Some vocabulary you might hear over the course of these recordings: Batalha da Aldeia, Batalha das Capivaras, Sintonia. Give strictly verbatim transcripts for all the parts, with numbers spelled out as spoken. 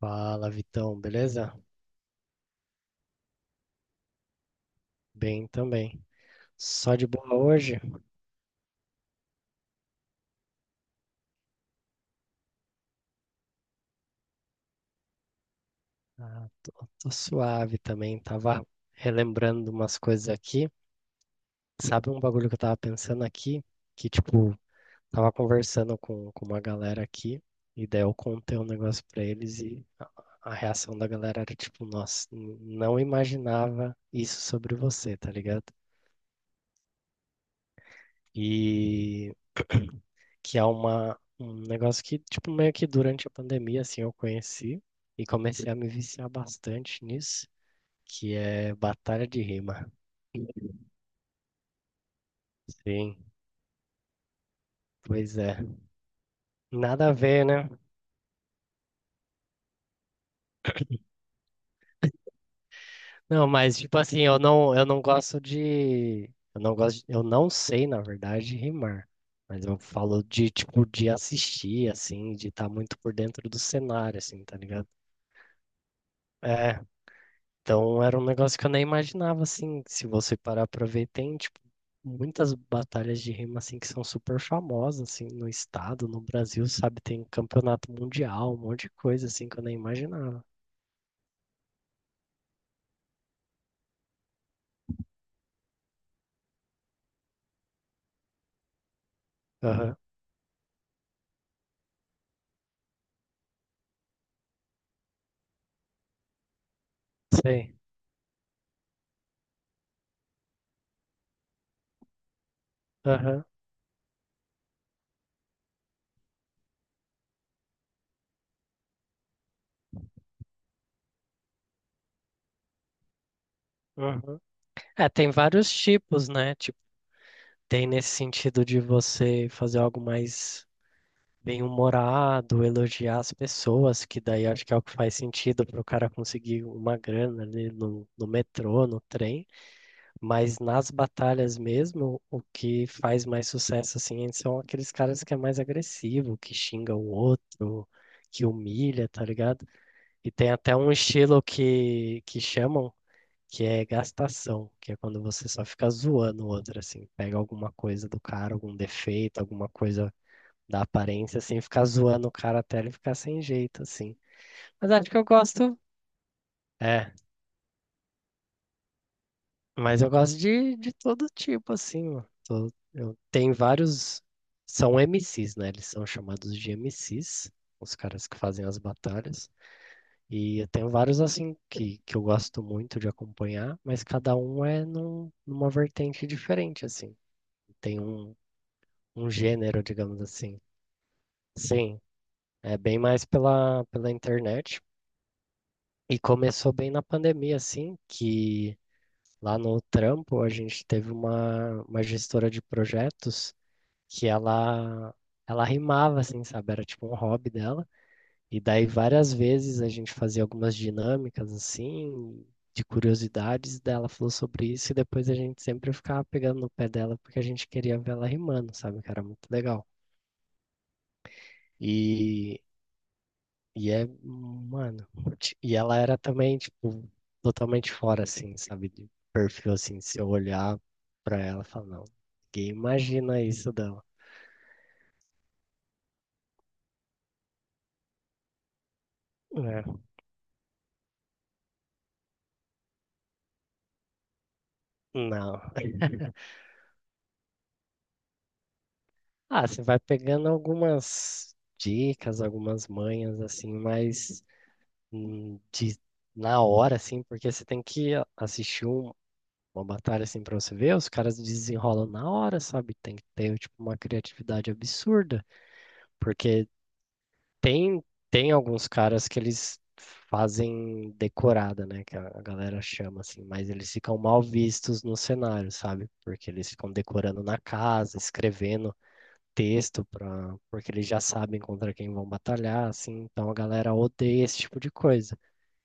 Fala, Vitão, beleza? Bem também. Só de boa hoje? Ah, tô, tô suave também. Tava relembrando umas coisas aqui. Sabe um bagulho que eu tava pensando aqui? Que, tipo, tava conversando com, com uma galera aqui, e daí eu contei um negócio pra eles e a, a reação da galera era tipo, nossa, n- não imaginava isso sobre você, tá ligado? E que é uma, um negócio que, tipo, meio que durante a pandemia, assim, eu conheci e comecei a me viciar bastante nisso, que é batalha de rima. Sim, pois é. Nada a ver, né? Não, mas, tipo assim, eu não, eu não gosto de... Eu não gosto, de- eu não sei, na verdade, rimar. Mas eu falo de, tipo, de assistir, assim, de estar muito por dentro do cenário, assim, tá ligado? É. Então era um negócio que eu nem imaginava, assim, se você parar pra ver, tem, tipo, muitas batalhas de rima, assim, que são super famosas, assim, no estado, no Brasil, sabe? Tem campeonato mundial, um monte de coisa, assim, que eu nem imaginava. Aham, sei. Aham, aham. É, tem vários tipos, né? Tipo, tem nesse sentido de você fazer algo mais bem-humorado, elogiar as pessoas, que daí acho que é o que faz sentido para o cara conseguir uma grana ali no, no metrô, no trem. Mas nas batalhas mesmo, o que faz mais sucesso assim são aqueles caras que é mais agressivo, que xinga o outro, que humilha, tá ligado? E tem até um estilo que, que chamam que é gastação, que é quando você só fica zoando o outro, assim, pega alguma coisa do cara, algum defeito, alguma coisa da aparência, assim, fica zoando o cara até ele ficar sem jeito, assim. Mas acho que eu gosto. É, mas eu gosto de, de todo tipo, assim. Ó. Tô- eu tenho vários. São M Cs, né? Eles são chamados de M Cs, os caras que fazem as batalhas. E eu tenho vários, assim, que, que eu gosto muito de acompanhar, mas cada um é num, numa vertente diferente, assim. Tem um, um gênero, digamos assim. Sim, é bem mais pela, pela internet. E começou bem na pandemia, assim, que lá no trampo a gente teve uma, uma gestora de projetos que ela ela rimava assim, sabe? Era tipo um hobby dela. E daí várias vezes a gente fazia algumas dinâmicas assim, de curiosidades dela falou sobre isso e depois a gente sempre ficava pegando no pé dela porque a gente queria ver ela rimando, sabe? Que era muito legal. E e é, mano, ti- e ela era também tipo totalmente fora assim, sabe? De perfil assim, se eu olhar pra ela, e falar, não, ninguém imagina isso dela. É, não. Ah, você vai pegando algumas dicas, algumas manhas, assim, mas hum, de, na hora, assim, porque você tem que a- assistir um- uma batalha, assim, pra você ver, os caras desenrolam na hora, sabe? Tem que ter, tipo, uma criatividade absurda, porque tem, tem alguns caras que eles fazem decorada, né, que a, a galera chama, assim, mas eles ficam mal vistos no cenário, sabe? Porque eles ficam decorando na casa, escrevendo texto para, porque eles já sabem contra quem vão batalhar, assim, então a galera odeia esse tipo de coisa.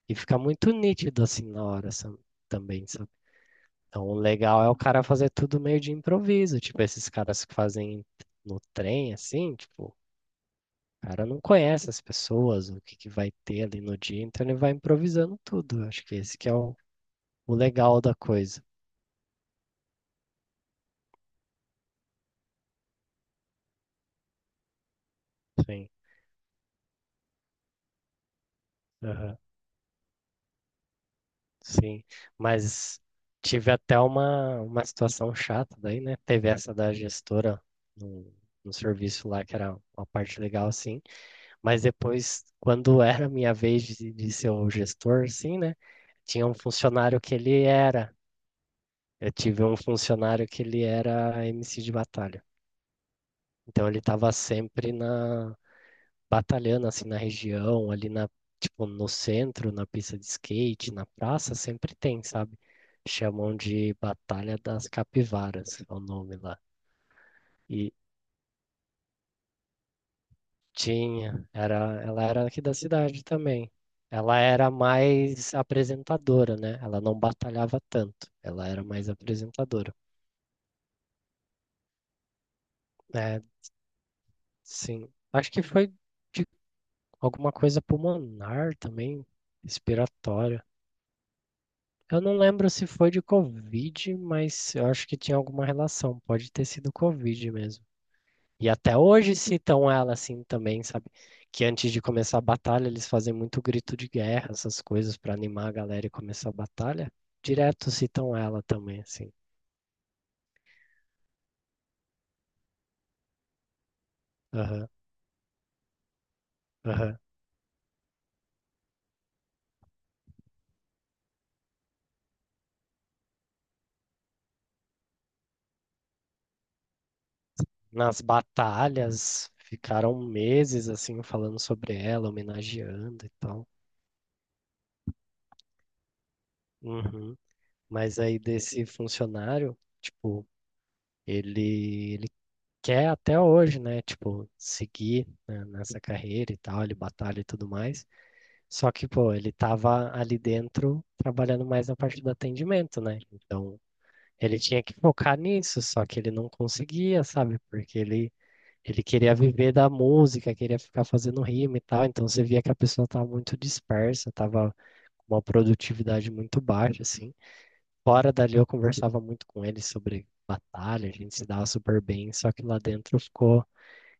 E fica muito nítido assim na hora sa- também, sabe? Então o legal é o cara fazer tudo meio de improviso, tipo esses caras que fazem no trem assim, tipo, o cara não conhece as pessoas, o que que vai ter ali no dia, então ele vai improvisando tudo. Eu acho que esse que é o, o legal da coisa. Sim. Aham. Sim, mas tive até uma, uma situação chata daí, né? Teve essa da gestora no, no serviço lá, que era uma parte legal, sim. Mas depois, quando era minha vez de, de ser o gestor, sim, né? Tinha um funcionário que ele era. Eu tive um funcionário que ele era M C de batalha. Então ele estava sempre na, batalhando assim na região, ali na, tipo, no centro, na pista de skate, na praça, sempre tem, sabe? Chamam de Batalha das Capivaras, é o nome lá. E tinha, era, ela era aqui da cidade também. Ela era mais apresentadora, né? Ela não batalhava tanto. Ela era mais apresentadora. É, sim. Acho que foi de alguma coisa pulmonar também, respiratória. Eu não lembro se foi de Covid, mas eu acho que tinha alguma relação. Pode ter sido Covid mesmo. E até hoje citam ela assim também, sabe? Que antes de começar a batalha, eles fazem muito grito de guerra, essas coisas pra animar a galera e começar a batalha. Direto citam ela também, assim. Aham, aham. Nas batalhas, ficaram meses assim falando sobre ela, homenageando e tal. Uhum. Mas aí desse funcionário, tipo, ele, ele quer até hoje, né? Tipo, seguir, né, nessa carreira e tal, ele batalha e tudo mais. Só que, pô, ele tava ali dentro trabalhando mais na parte do atendimento, né? Então, ele tinha que focar nisso, só que ele não conseguia, sabe? Porque ele, ele queria viver da música, queria ficar fazendo rima e tal. Então, você via que a pessoa tava muito dispersa, tava uma produtividade muito baixa, assim. Fora dali eu conversava muito com ele sobre batalha, a gente se dava super bem, só que lá dentro ficou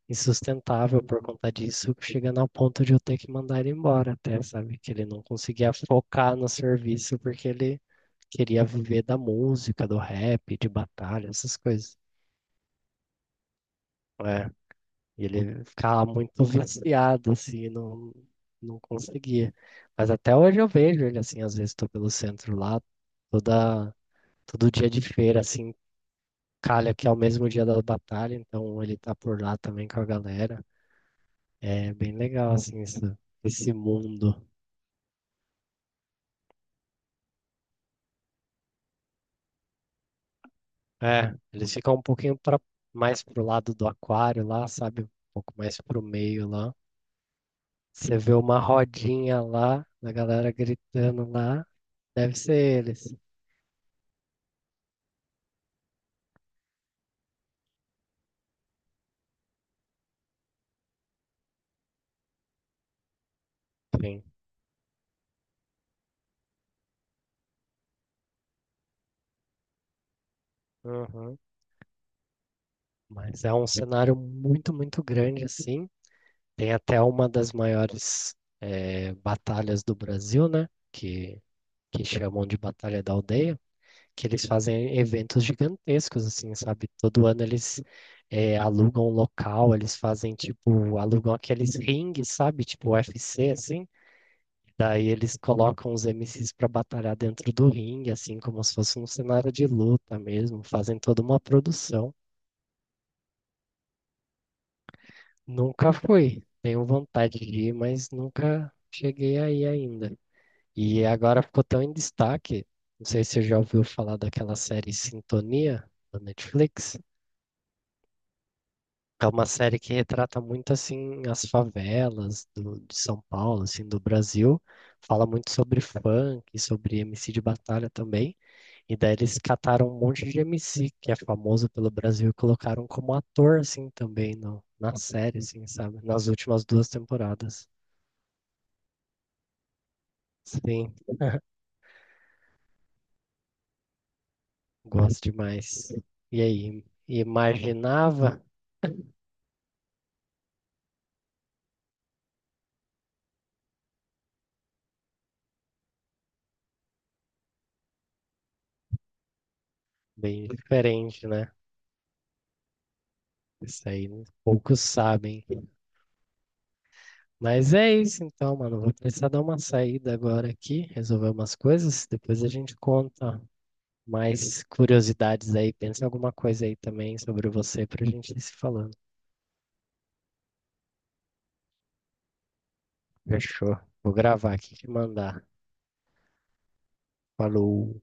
insustentável por conta disso, chegando ao ponto de eu ter que mandar ele embora até, sabe? Que ele não conseguia focar no serviço porque ele queria viver da música, do rap, de batalha, essas coisas. É, e ele ficava muito viciado, assim, não, não conseguia. Mas até hoje eu vejo ele, assim, às vezes estou pelo centro lá, toda, todo dia de feira, assim, calha que é o mesmo dia da batalha, então ele tá por lá também com a galera. É bem legal, assim, essa- esse mundo. É, eles ficam um pouquinho pra, mais pro lado do aquário lá, sabe? Um pouco mais pro meio lá. Você vê uma rodinha lá, da galera gritando lá. Deve ser eles. Sim. Uhum. Mas é um cenário muito, muito grande, assim. Tem até uma das maiores, eh, batalhas do Brasil, né? Que, que chamam de Batalha da Aldeia, que eles fazem eventos gigantescos, assim, sabe? Todo ano eles eh, alugam um local, eles fazem, tipo, alugam aqueles rings, sabe? Tipo U F C, assim. Daí eles colocam os M Cs para batalhar dentro do ringue, assim, como se fosse um cenário de luta mesmo. Fazem toda uma produção. Nunca fui. Tenho vontade de ir, mas nunca cheguei aí ainda. E agora ficou tão em destaque. Não sei se você já ouviu falar daquela série Sintonia da Netflix. É uma série que retrata muito assim as favelas do, de São Paulo, assim, do Brasil. Fala muito sobre funk, sobre M C de batalha também. E daí eles cataram um monte de M C que é famoso pelo Brasil e colocaram como ator assim também no, na série, assim, sabe? Nas últimas duas temporadas. Sim, gosto demais. E aí, imaginava bem diferente, né? Isso aí né? Poucos sabem. Mas é isso então, mano. Vou precisar dar uma saída agora aqui, resolver umas coisas. Depois a gente conta mais curiosidades aí. Pensa em alguma coisa aí também sobre você pra gente ir se falando. Fechou. Vou gravar aqui e te mandar. Falou.